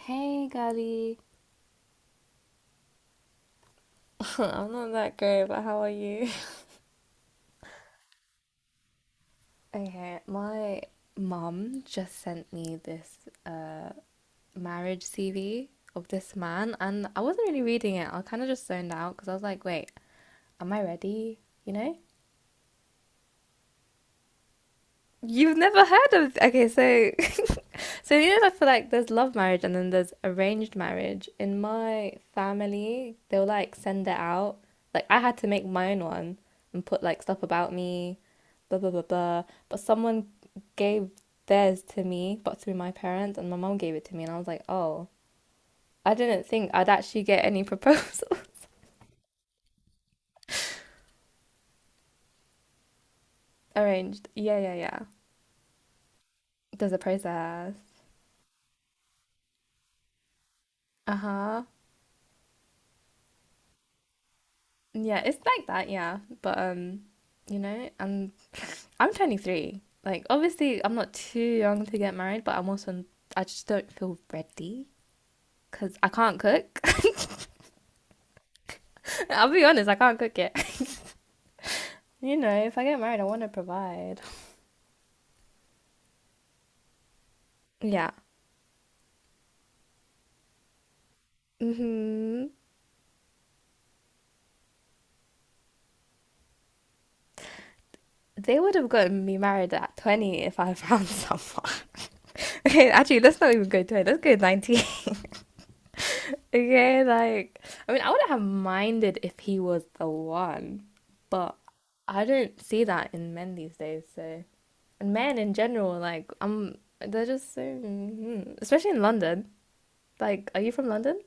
Hey, Gabby. I'm not that great, but how are you? Okay, my mum just sent me this marriage CV of this man, and I wasn't really reading it. I kind of just zoned out because I was like, wait, am I ready? You know? You've never heard of okay, so so you know, I feel like there's love marriage and then there's arranged marriage. In my family, they'll like send it out. Like I had to make my own one and put like stuff about me, blah blah blah blah. But someone gave theirs to me, but through my parents, and my mum gave it to me, and I was like, oh, I didn't think I'd actually get any proposals. Arranged. Yeah, yeah, yeah. There's a process. Uh huh. Yeah, it's like that, yeah. But you know, I'm I'm 23. Like obviously, I'm not too young to get married, but I'm also I just don't feel ready because I can't cook. I'll be honest, I can't cook yet. You know, if I get married, I want to provide. Yeah. Hmm. They would have gotten me married at 20 if I found someone. Okay, actually, let's not even go 20. Let's go 19. Okay, like, I mean, I wouldn't have minded if he was the one, but I don't see that in men these days, so. And men in general, like, they're just so. Mhm. Especially in London. Like, are you from London?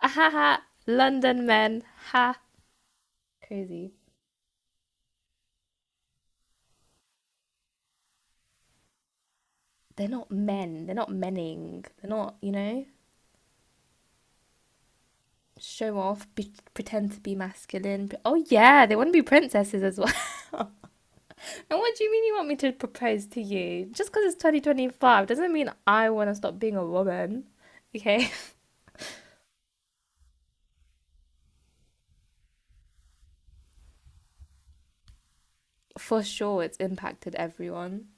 Ah, ha ha! London men! Ha! Crazy. They're not men. They're not menning. They're not, you know, show off, pretend to be masculine. Oh, yeah, they want to be princesses as well. And what do you mean you want me to propose to you? Just because it's 2025 doesn't mean I want to stop being a woman. Okay? For sure, it's impacted everyone.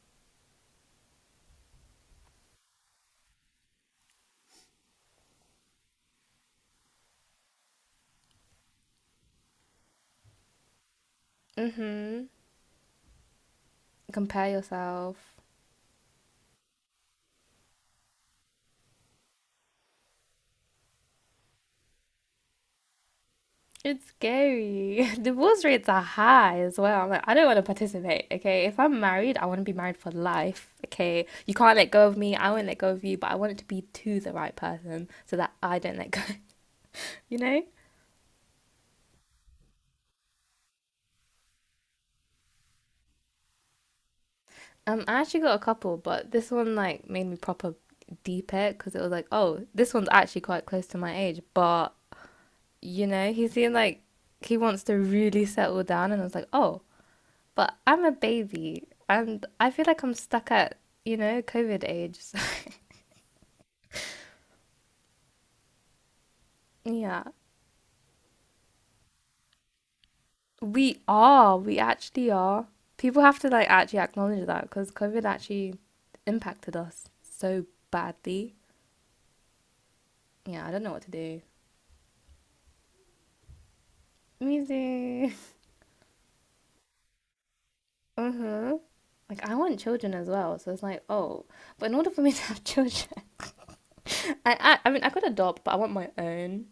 Mm hmm. Compare yourself. It's scary. Divorce rates are high as well. I'm like, I don't want to participate. Okay? If I'm married, I want to be married for life. Okay? You can't let go of me. I won't let go of you. But I want it to be to the right person so that I don't let go. You know? I actually got a couple, but this one like made me proper deep it because it was like, oh, this one's actually quite close to my age, but you know, he seemed like he wants to really settle down, and I was like, oh, but I'm a baby, and I feel like I'm stuck at COVID age. So, yeah, we are, we actually are. People have to like actually acknowledge that because COVID actually impacted us so badly. Yeah, I don't know what to do. Music. Uh-huh. Like I want children as well, so it's like, oh, but in order for me to have children, I mean I could adopt, but I want my own.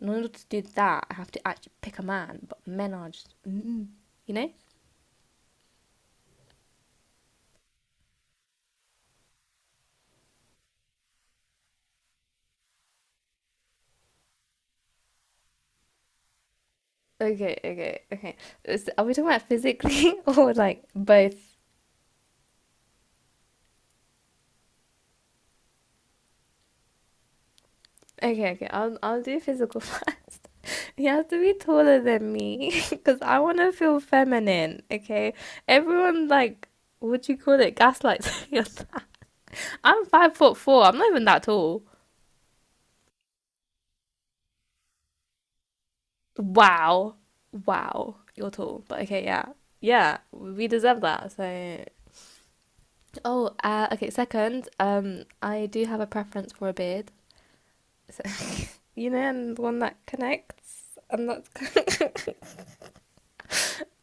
In order to do that, I have to actually pick a man, but men are just, you know? Okay, okay, okay. Are we talking about physically or like both? Okay, okay. I'll do physical first. He has to be taller than me because I want to feel feminine. Okay, everyone like what do you call it? Gaslights me on that. I'm 5 foot 4. I'm not even that tall. Wow. Wow. You're tall. But okay, yeah. Yeah, we deserve that. So, oh, okay. Second, I do have a preference for a beard. So, you know, and one that connects, and that's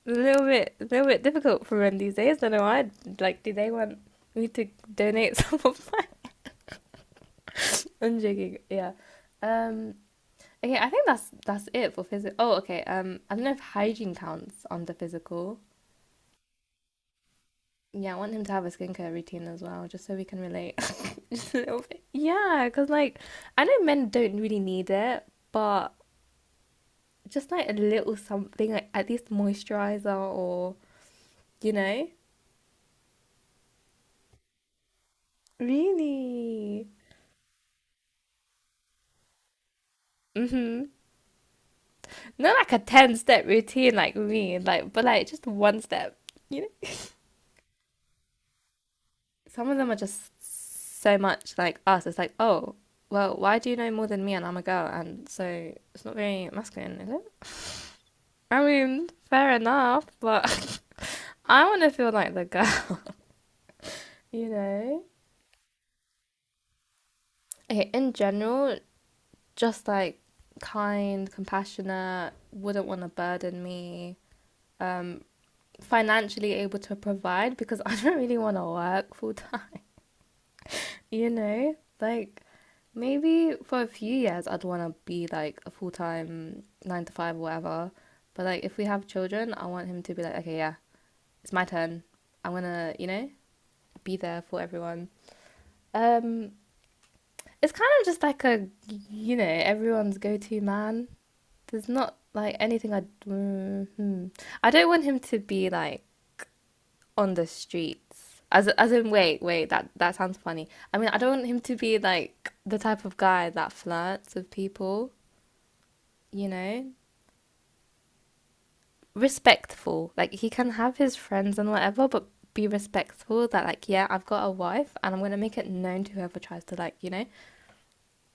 a little bit difficult for men these days. I don't know why. Like, do they want me to donate some of mine? I'm joking. Yeah. Um, Okay, I think that's it for physical. Oh, okay. I don't know if hygiene counts under physical. Yeah, I want him to have a skincare routine as well, just so we can relate. Just a little bit. Yeah, because like I know men don't really need it, but just like a little something, like at least moisturizer or you know, really. Mm-hmm. Not like a 10 step routine like me, like but like just one step, you know. Some of them are just so much like us. It's like, oh, well, why do you know more than me and I'm a girl? And so it's not very masculine, is it? I mean, fair enough, but I want to feel like the girl, you know? Okay, in general, just like kind, compassionate, wouldn't want to burden me, um, financially able to provide because I don't really want to work full time. You know, like maybe for a few years I'd want to be like a full-time 9 to 5, or whatever. But like if we have children, I want him to be like, okay, yeah, it's my turn. I'm gonna, you know, be there for everyone. Um, it's kind of just like a, you know, everyone's go-to man. There's not like anything I, mm, hmm. I don't want him to be like on the streets. As in, wait, wait, that sounds funny. I mean, I don't want him to be like the type of guy that flirts with people, you know? Respectful. Like he can have his friends and whatever, but be respectful that like, yeah, I've got a wife and I'm gonna make it known to whoever tries to like, you know,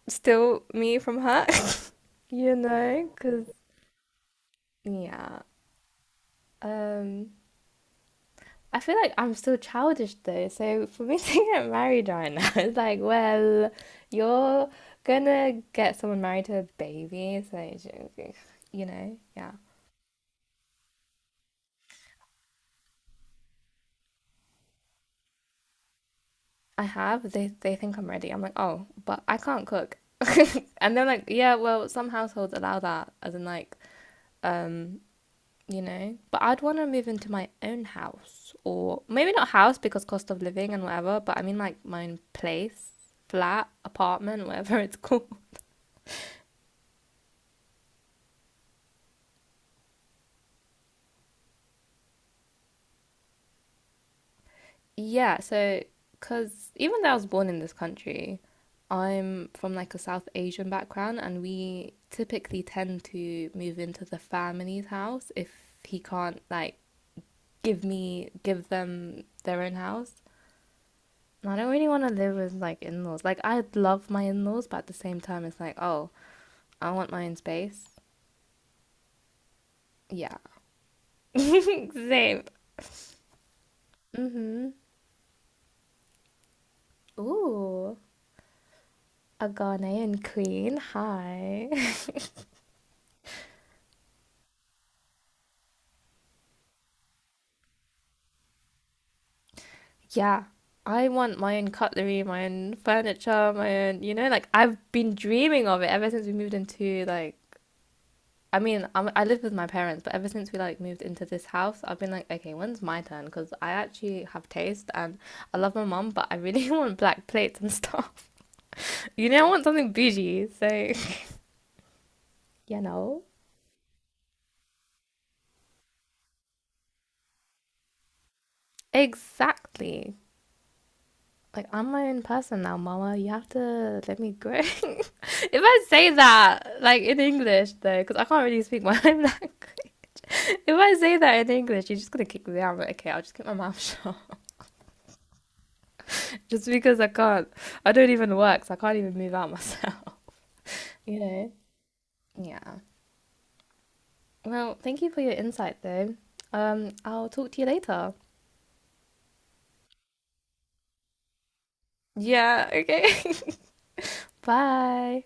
steal me from her. You know, because yeah. Um I feel like I'm still childish though. So for me to get married right now, it's like, well, you're gonna get someone married to a baby. So, you know, yeah. I have. They think I'm ready. I'm like, oh, but I can't cook. And they're like, yeah, well, some households allow that, as in like, um, you know. But I'd want to move into my own house, or maybe not house because cost of living and whatever. But I mean like my own place, flat, apartment, whatever it's called. Yeah, so because even though I was born in this country, I'm from like a South Asian background, and we typically tend to move into the family's house if he can't like give them their own house. And I don't really want to live with like in-laws. Like I love my in-laws, but at the same time, it's like, oh, I want my own space. Yeah, same. Mhm. Ooh, a Ghanaian queen. Hi. Yeah, I want my own cutlery, my own furniture, my own, you know, like I've been dreaming of it ever since we moved into like I mean, I live with my parents, but ever since we like moved into this house, I've been like, okay, when's my turn? Because I actually have taste and I love my mum, but I really want black plates and stuff. You know, I want something bougie, so you know. Exactly. Like I'm my own person now, Mama. You have to let me grow. If I say that like in English though, because I can't really speak my own language. If I say that in English, you're just gonna kick me out. I'm like, okay, I'll just keep my mouth shut. Just because I can't, I don't even work, so I can't even move out myself. You know? Yeah. Well, thank you for your insight though. I'll talk to you later. Yeah. Okay. Bye.